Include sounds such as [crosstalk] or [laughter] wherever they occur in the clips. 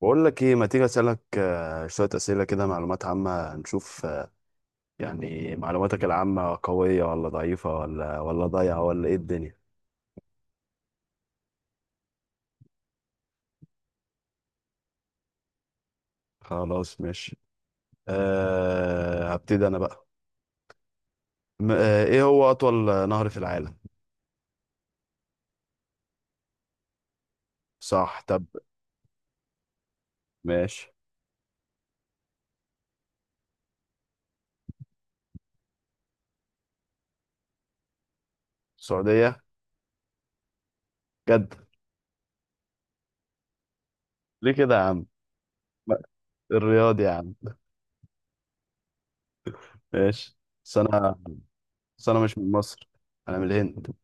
بقول لك ايه ما تيجي اسالك شويه اسئله كده، معلومات عامه نشوف يعني معلوماتك العامه قويه ولا ضعيفه ولا ضايعه ولا ايه الدنيا. خلاص ماشي. هبتدي انا بقى. م- أه ايه هو اطول نهر في العالم؟ صح. طب، ماشي. السعوديه؟ جد؟ ليه كده يا عم؟ ما- الرياض يا عم. ماشي. بس انا بس انا مش من مصر، انا من الهند.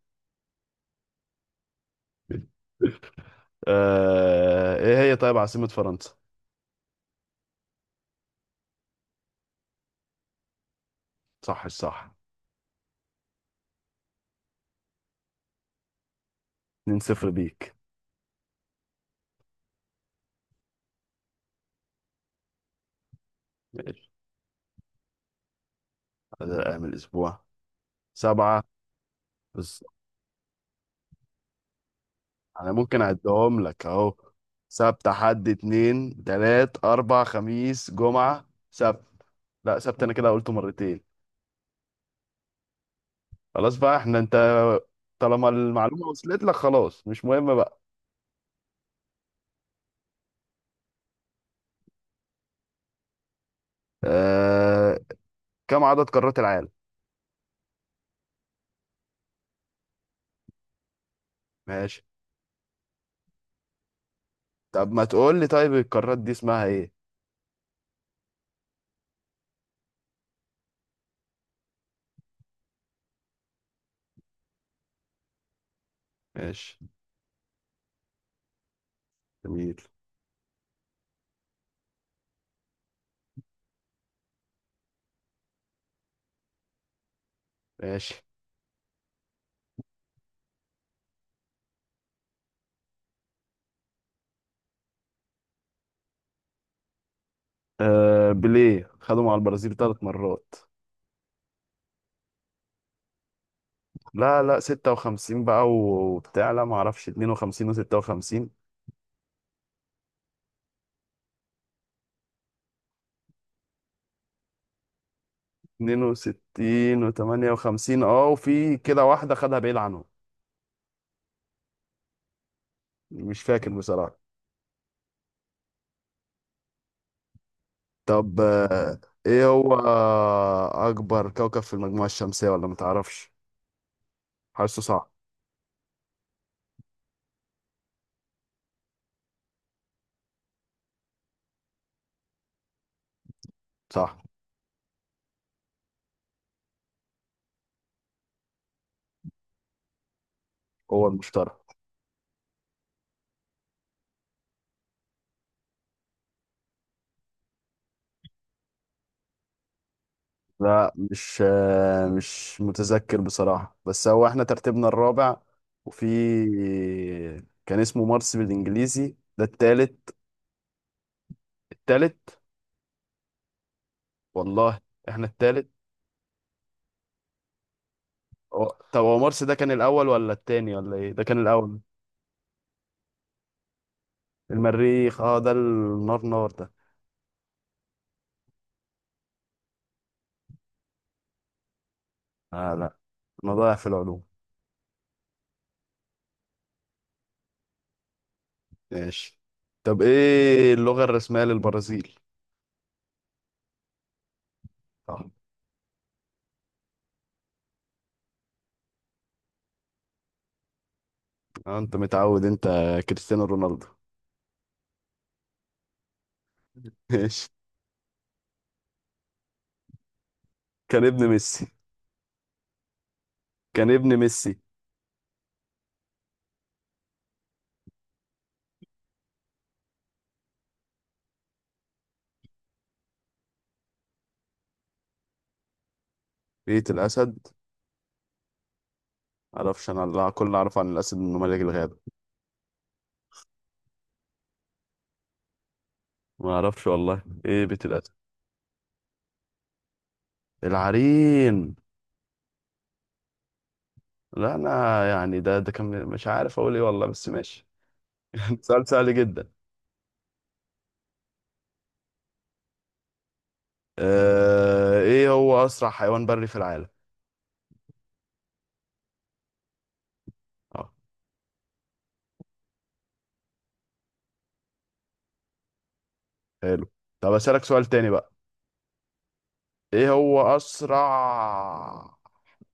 ايه هي طيب عاصمه فرنسا؟ صح صح. 2-0 بيك. ماشي. بدل أيام الأسبوع سبعة. بس أنا ممكن أعدهم لك أهو: سبت، حد، اتنين، تلات، أربع، خميس، جمعة، سبت. لا، سبت أنا كده قلته مرتين. خلاص بقى احنا أنت، طالما المعلومة وصلت لك خلاص، مش مهم بقى. آه... كم عدد قارات العالم؟ ماشي. طب ما تقول لي طيب القارات دي اسمها ايه؟ ماشي. جميل. ماشي. بيليه خدوا مع البرازيل ثلاث مرات. لا لا، 56 بقى وبتاع، لا ما اعرفش، 52 و56، 62 و58. اه، وفي كده واحدة خدها بعيد عنهم. مش فاكر بصراحة. طب، ايه هو اكبر كوكب في المجموعة الشمسية ولا متعرفش؟ حاسه صح. صح، هو المشتري. لا مش متذكر بصراحة، بس هو احنا ترتيبنا الرابع وفي. كان اسمه مارس بالانجليزي، ده التالت. التالت. والله احنا التالت. طب هو مرسي ده كان الاول ولا التاني ولا ايه، ده كان الاول؟ المريخ، اه، ده النار، نار ده. آه، لا، انا ضايع في العلوم. ماشي. طب ايه اللغة الرسمية للبرازيل؟ اه. انت متعود انت. كريستيانو رونالدو. [laughs] ماشي. كان ابن ميسي. كان ابن ميسي. بيت الاسد. معرفش، انا كل اللي اعرفه عن الاسد انه ملك الغابة. ما اعرفش والله، ايه بيت الاسد. العرين. لا انا، يعني ده كان مش عارف اقول ايه والله، بس ماشي. سؤال سهل جدا. ايه هو اسرع حيوان بري في العالم؟ اه. حلو. طب اسالك سؤال تاني بقى. ايه هو اسرع،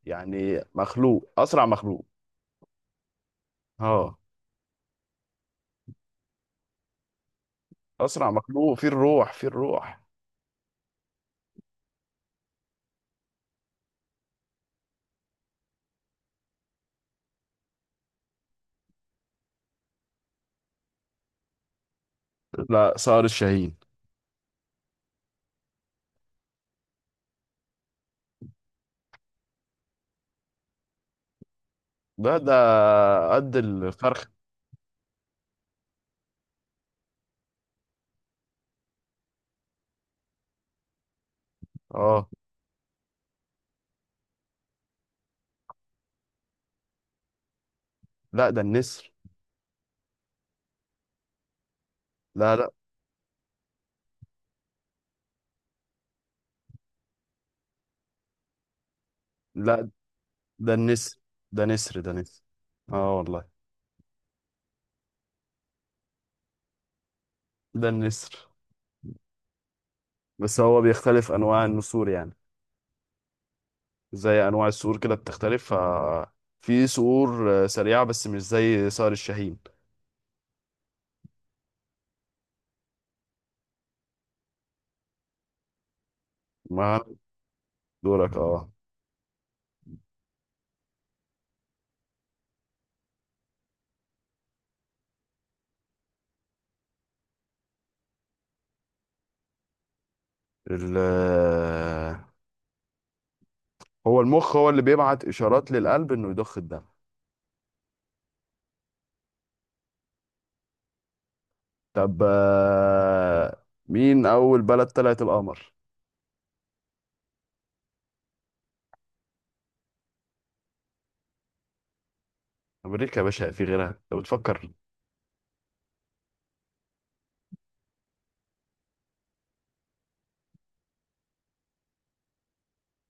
يعني مخلوق، اسرع مخلوق. اه. اسرع مخلوق فيه الروح، فيه الروح. لا، صقر الشاهين. ده قد الفرخ. اه لا، ده النسر. لا لا لا، ده النسر. ده نسر، ده نسر. اه والله. ده النسر. بس هو بيختلف انواع النسور يعني، زي انواع الصقور كده بتختلف، في صقور سريعه بس مش زي صقر الشاهين. ما دورك، اه. ال آه، هو المخ، هو اللي بيبعت اشارات للقلب انه يضخ الدم. طب، مين اول بلد طلعت القمر؟ امريكا يا باشا، في غيرها لو بتفكر.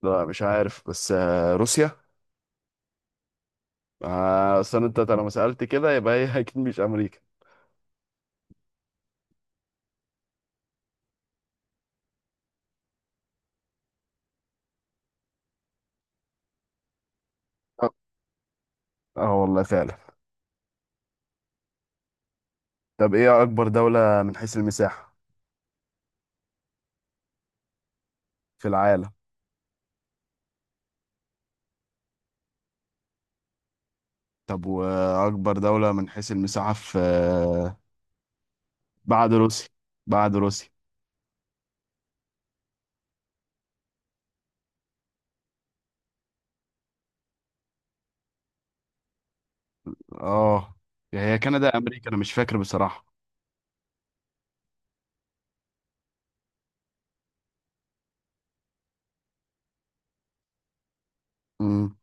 لا مش عارف، بس روسيا. اصل انت لما سالت كده يبقى هي [laughs] اكيد مش امريكا. اه، آه والله فعلا. طب ايه اكبر دوله من حيث المساحه في العالم؟ طب وأكبر دولة من حيث المساحة في، بعد روسيا. بعد روسيا. اه، يعني هي كندا يا أمريكا، أنا مش فاكر بصراحة. امم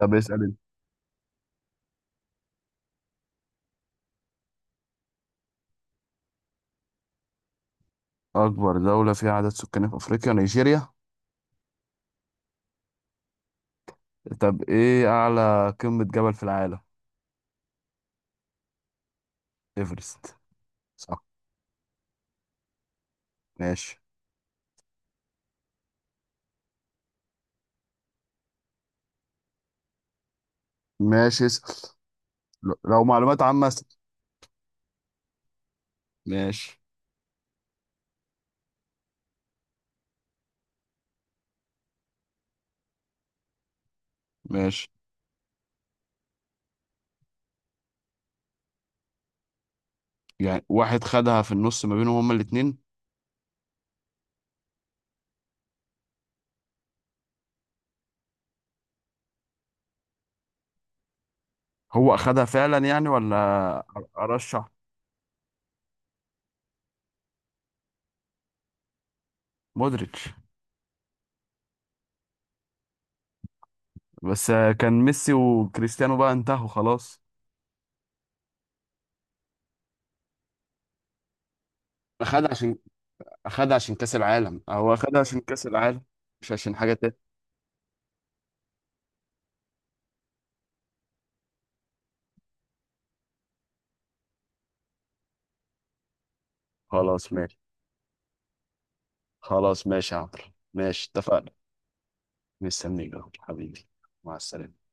طب اسأل أنت. أكبر دولة فيها عدد سكان في أفريقيا نيجيريا. طب إيه أعلى قمة جبل في العالم؟ إيفرست. صح. ماشي. ماشي، اسأل. لو معلومات عامة اسأل. ماشي. ماشي. يعني واحد خدها في النص ما بينهم هما الاتنين. هو أخدها فعلا يعني ولا؟ أرشح. مودريتش. بس كان ميسي وكريستيانو بقى انتهوا خلاص. اخدها عشان اخدها عشان كاس العالم، هو اخدها عشان كاس العالم، مش عشان حاجه تانية. خلاص ماشي. خلاص ماشي يا عمرو. ماشي اتفقنا. مستنيك يا عمرو، حبيبي. مع السلامه.